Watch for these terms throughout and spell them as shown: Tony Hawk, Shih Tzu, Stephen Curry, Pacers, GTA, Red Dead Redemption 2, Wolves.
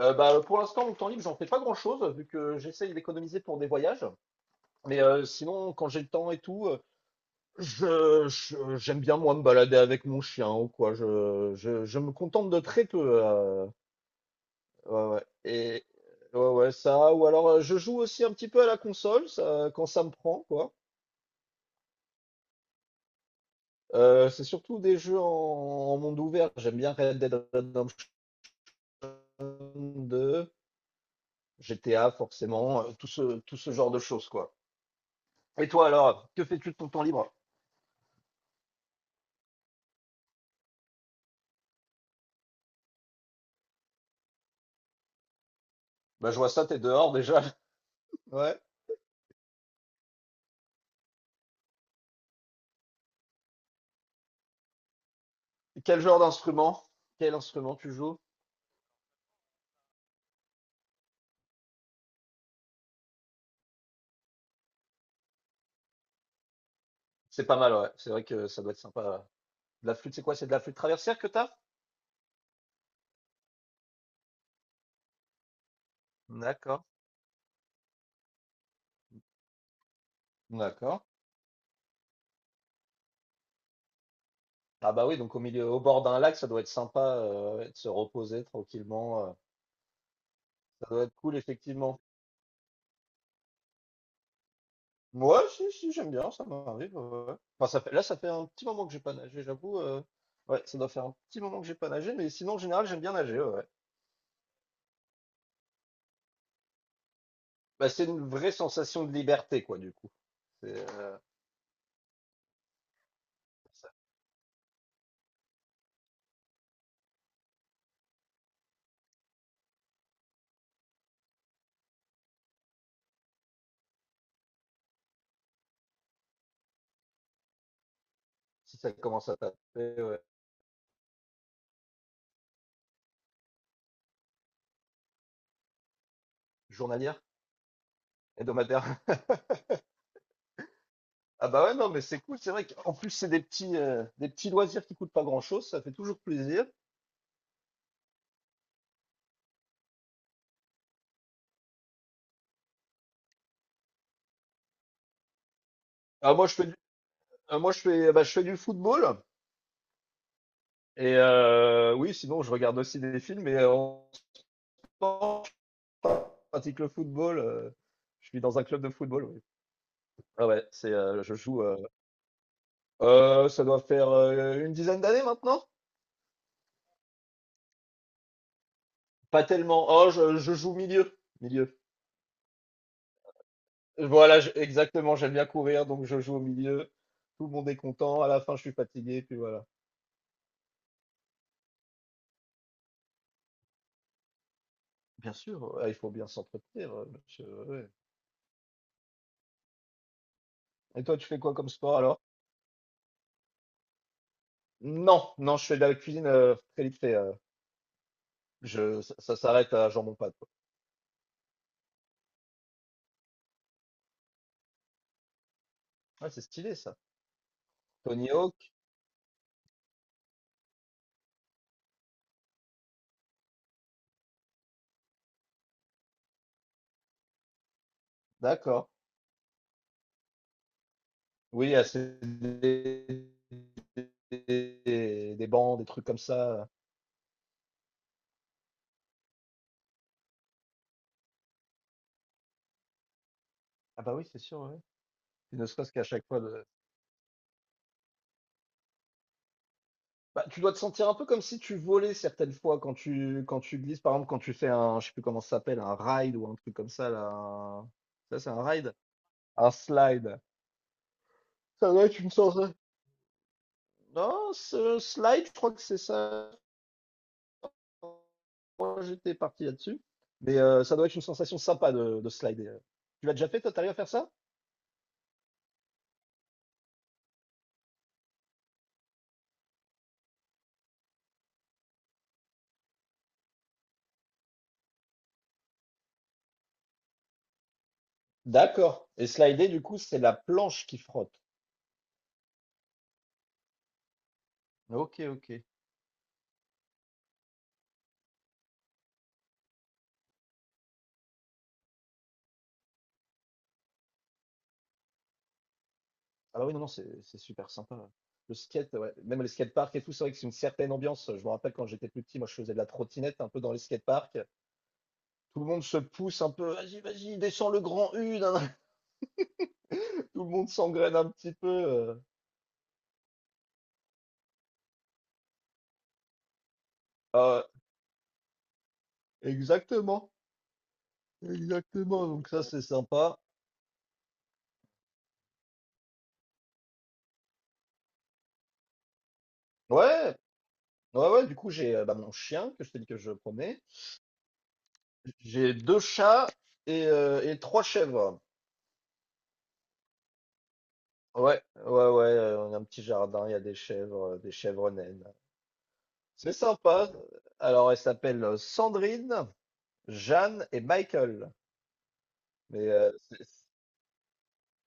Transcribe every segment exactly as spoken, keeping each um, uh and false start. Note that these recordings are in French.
Euh, bah, pour l'instant, mon temps libre, j'en fais pas grand-chose, vu que j'essaye d'économiser pour des voyages. Mais euh, sinon, quand j'ai le temps et tout, euh, je, je- j'aime bien, moi, me balader avec mon chien ou quoi. Je, je, je me contente de très peu. euh, ouais, ouais. Et, ouais, ouais, ça. Ou alors, euh, je joue aussi un petit peu à la console, ça, quand ça me prend, quoi. Euh, c'est surtout des jeux en, en monde ouvert. J'aime bien Red Dead Redemption deux, G T A, forcément, euh, tout ce, tout ce genre de choses, quoi. Et toi, alors, que fais-tu de ton temps libre? Bah, je vois ça, t'es dehors déjà. Ouais. Quel genre d'instrument? Quel instrument tu joues? C'est pas mal, ouais. C'est vrai que ça doit être sympa. De la flûte, c'est quoi? C'est de la flûte traversière que t'as? D'accord. D'accord. Ah bah oui, donc au milieu, au bord d'un lac, ça doit être sympa euh, ouais, de se reposer tranquillement. euh. Ça doit être cool, effectivement. Moi, si, si, j'aime bien, ça m'arrive. Ouais. Ouais. Enfin, ça fait, là, ça fait un petit moment que j'ai pas nagé, j'avoue. euh. Ouais, ça doit faire un petit moment que j'ai pas nagé, mais sinon, en général, j'aime bien nager, ouais. Ouais. Bah, c'est une vraie sensation de liberté, quoi, du coup. C'est euh, Si ça commence à taper ouais, journalière, hebdomadaire. Ah bah ouais, non, mais c'est cool. C'est vrai qu'en plus, c'est des petits, euh, des petits loisirs qui coûtent pas grand-chose. Ça fait toujours plaisir. Ah, moi, je fais du, Ah, moi, je fais, bah, je fais du football. Et euh, oui, sinon, je regarde aussi des films. Mais en ce moment, je pratique le football. euh, Je suis dans un club de football. Oui. Ah ouais, c'est, euh, je joue. euh, euh, ça doit faire euh, une dizaine d'années maintenant. Pas tellement. Oh, je, je joue milieu. Milieu. Voilà, je- exactement, j'aime bien courir, donc je joue au milieu. Tout le monde est content. À la fin, je suis fatigué, puis voilà. Bien sûr, ouais, il faut bien s'entretenir, euh, monsieur, ouais. Et toi, tu fais quoi comme sport alors? Non, non, je fais de la cuisine euh, très vite fait. euh, je, Ça, ça s'arrête à jambon pâte, quoi. Ouais, c'est stylé ça. Tony Hawk, d'accord. Oui, ah, c'est des, des, des bancs, des trucs comme ça. Ah bah oui, c'est sûr, ouais. Et ne serait-ce qu'à chaque fois de, Bah, tu dois te sentir un peu comme si tu volais certaines fois quand tu quand tu glisses, par exemple, quand tu fais un, je sais plus comment ça s'appelle, un ride ou un truc comme ça, là, un- ça c'est un ride? Un slide. Ça doit être une sorte de- Non, ce slide, je crois que c'est ça. Moi, j'étais parti là-dessus. Mais euh, ça doit être une sensation sympa de, de slider. Tu l'as déjà fait, toi, t'arrives à faire ça? D'accord. Et slider, du coup, c'est la planche qui frotte. Ok, ok. Ah bah oui, non, non, c'est c'est super sympa. Le skate, ouais. Même les skateparks et tout, c'est vrai que c'est une certaine ambiance. Je me rappelle quand j'étais plus petit, moi je faisais de la trottinette un peu dans les skateparks. Tout le monde se pousse un peu, vas-y, vas-y, descends le grand U, nan, nan. Tout le monde s'engraine un petit peu. euh. Ah, ouais. Exactement, exactement. Donc ça, c'est sympa. Ouais, ouais, ouais. Du coup, j'ai euh, bah, mon chien que je t'ai dit que je promenais. J'ai deux chats et, euh, et trois chèvres. Ouais, ouais, ouais. euh, On a un petit jardin, il y a des chèvres, euh, des chèvres naines. C'est sympa. Alors, elle s'appelle euh, Sandrine, Jeanne et Michael. Mais euh, c'est- c'est-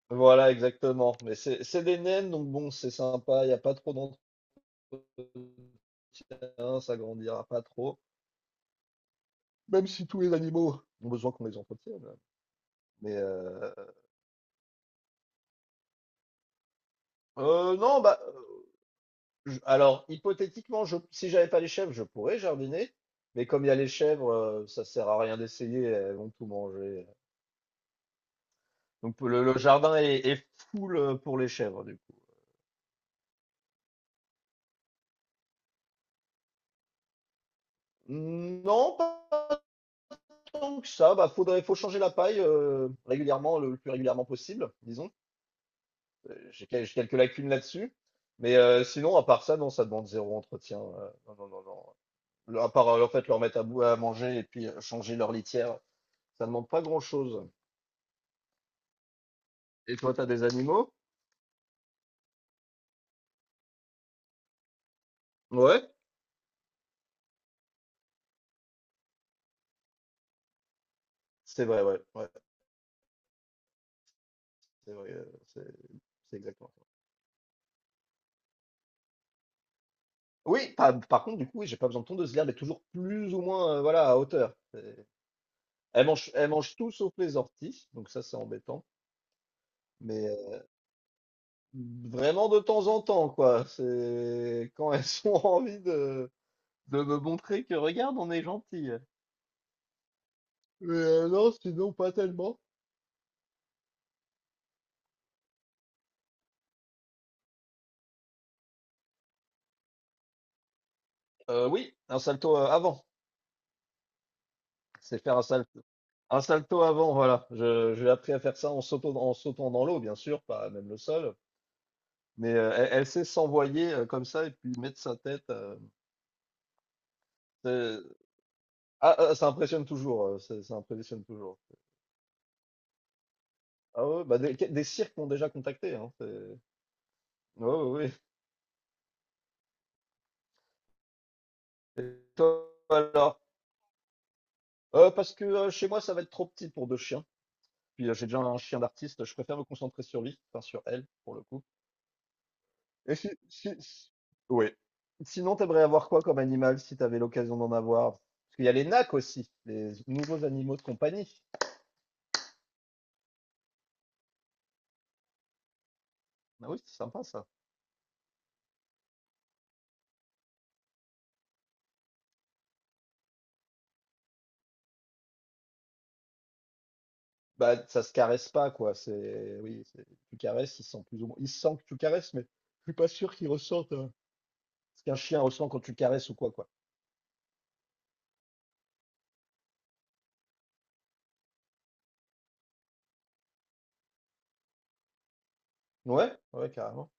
voilà, Exactement. Mais c'est c'est des naines, donc bon, c'est sympa. Il n'y a pas trop d'entretien, ça grandira pas trop. Même si tous les animaux ont besoin qu'on les entretienne. Mais euh, euh, non, bah, euh, je- Alors hypothétiquement, je, si j'avais pas les chèvres, je pourrais jardiner. Mais comme il y a les chèvres, euh, ça sert à rien d'essayer. Elles vont tout manger. Donc le, le jardin est, est full euh, pour les chèvres. Du Non, pas tant que ça. Bah, faudrait, faut changer la paille euh, régulièrement, le, le plus régulièrement possible, disons. Euh, J'ai quel- j'ai quelques lacunes là-dessus. Mais euh, sinon, à part ça, non, ça demande zéro entretien. euh, Non, non, non, non. Le- À part, euh, en fait, leur mettre à bout à manger et puis euh, changer leur litière, ça demande pas grand-chose. Et toi, t'as des animaux? Ouais. C'est vrai, ouais. Ouais, c'est vrai. euh, c'est c'est exactement ça. Oui, par, par contre, du coup, oui, j'ai pas besoin de tondeuse l'herbe mais toujours plus ou moins euh, voilà, à hauteur. Elle mange, elle mange tout sauf les orties, donc ça c'est embêtant. Mais euh, vraiment de temps en temps, quoi. C'est quand elles ont envie de, de me montrer que regarde, on est gentil. Mais euh, non, sinon pas tellement. Euh, oui, un salto euh, avant. C'est faire un salto. Un salto avant, voilà. Je, j'ai appris à faire ça en sautant, en sautant dans l'eau, bien sûr, pas même le sol. Mais euh, elle, elle sait s'envoyer euh, comme ça et puis mettre sa tête. euh, c'est- ah, ah, ça impressionne toujours. Euh, c'est- ça impressionne toujours. Ah ouais, bah des, des cirques m'ont déjà contacté, hein, c'est- Ouais, ouais, ouais. Toi, alors, Euh, parce que euh, chez moi, ça va être trop petit pour deux chiens. Puis euh, j'ai déjà un chien d'artiste, je préfère me concentrer sur lui, enfin sur elle, pour le coup. Et si, si, si- ouais. Sinon, t'aimerais avoir quoi comme animal si t'avais l'occasion d'en avoir? Parce qu'il y a les nacs aussi, les nouveaux animaux de compagnie. Ah oui, c'est sympa ça. Bah, ça se caresse pas, quoi. C'est, oui, c'est- tu caresses, ils sentent plus ou moins. Ils sentent que tu caresses, mais je suis pas sûr qu'ils ressentent euh, ce qu'un chien ressent quand tu caresses ou quoi, quoi. Ouais, ouais, carrément.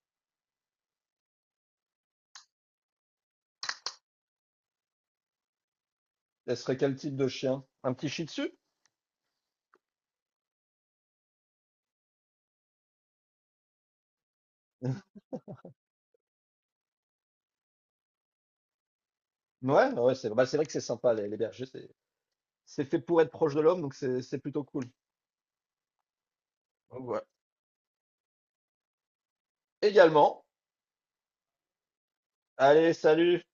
Elle serait quel type de chien? Un petit Shih Tzu? Ouais, ouais, c'est bah, c'est vrai que c'est sympa, les, les bergers, c'est c'est fait pour être proche de l'homme, donc c'est c'est plutôt cool. Donc, voilà. Également. Allez, salut!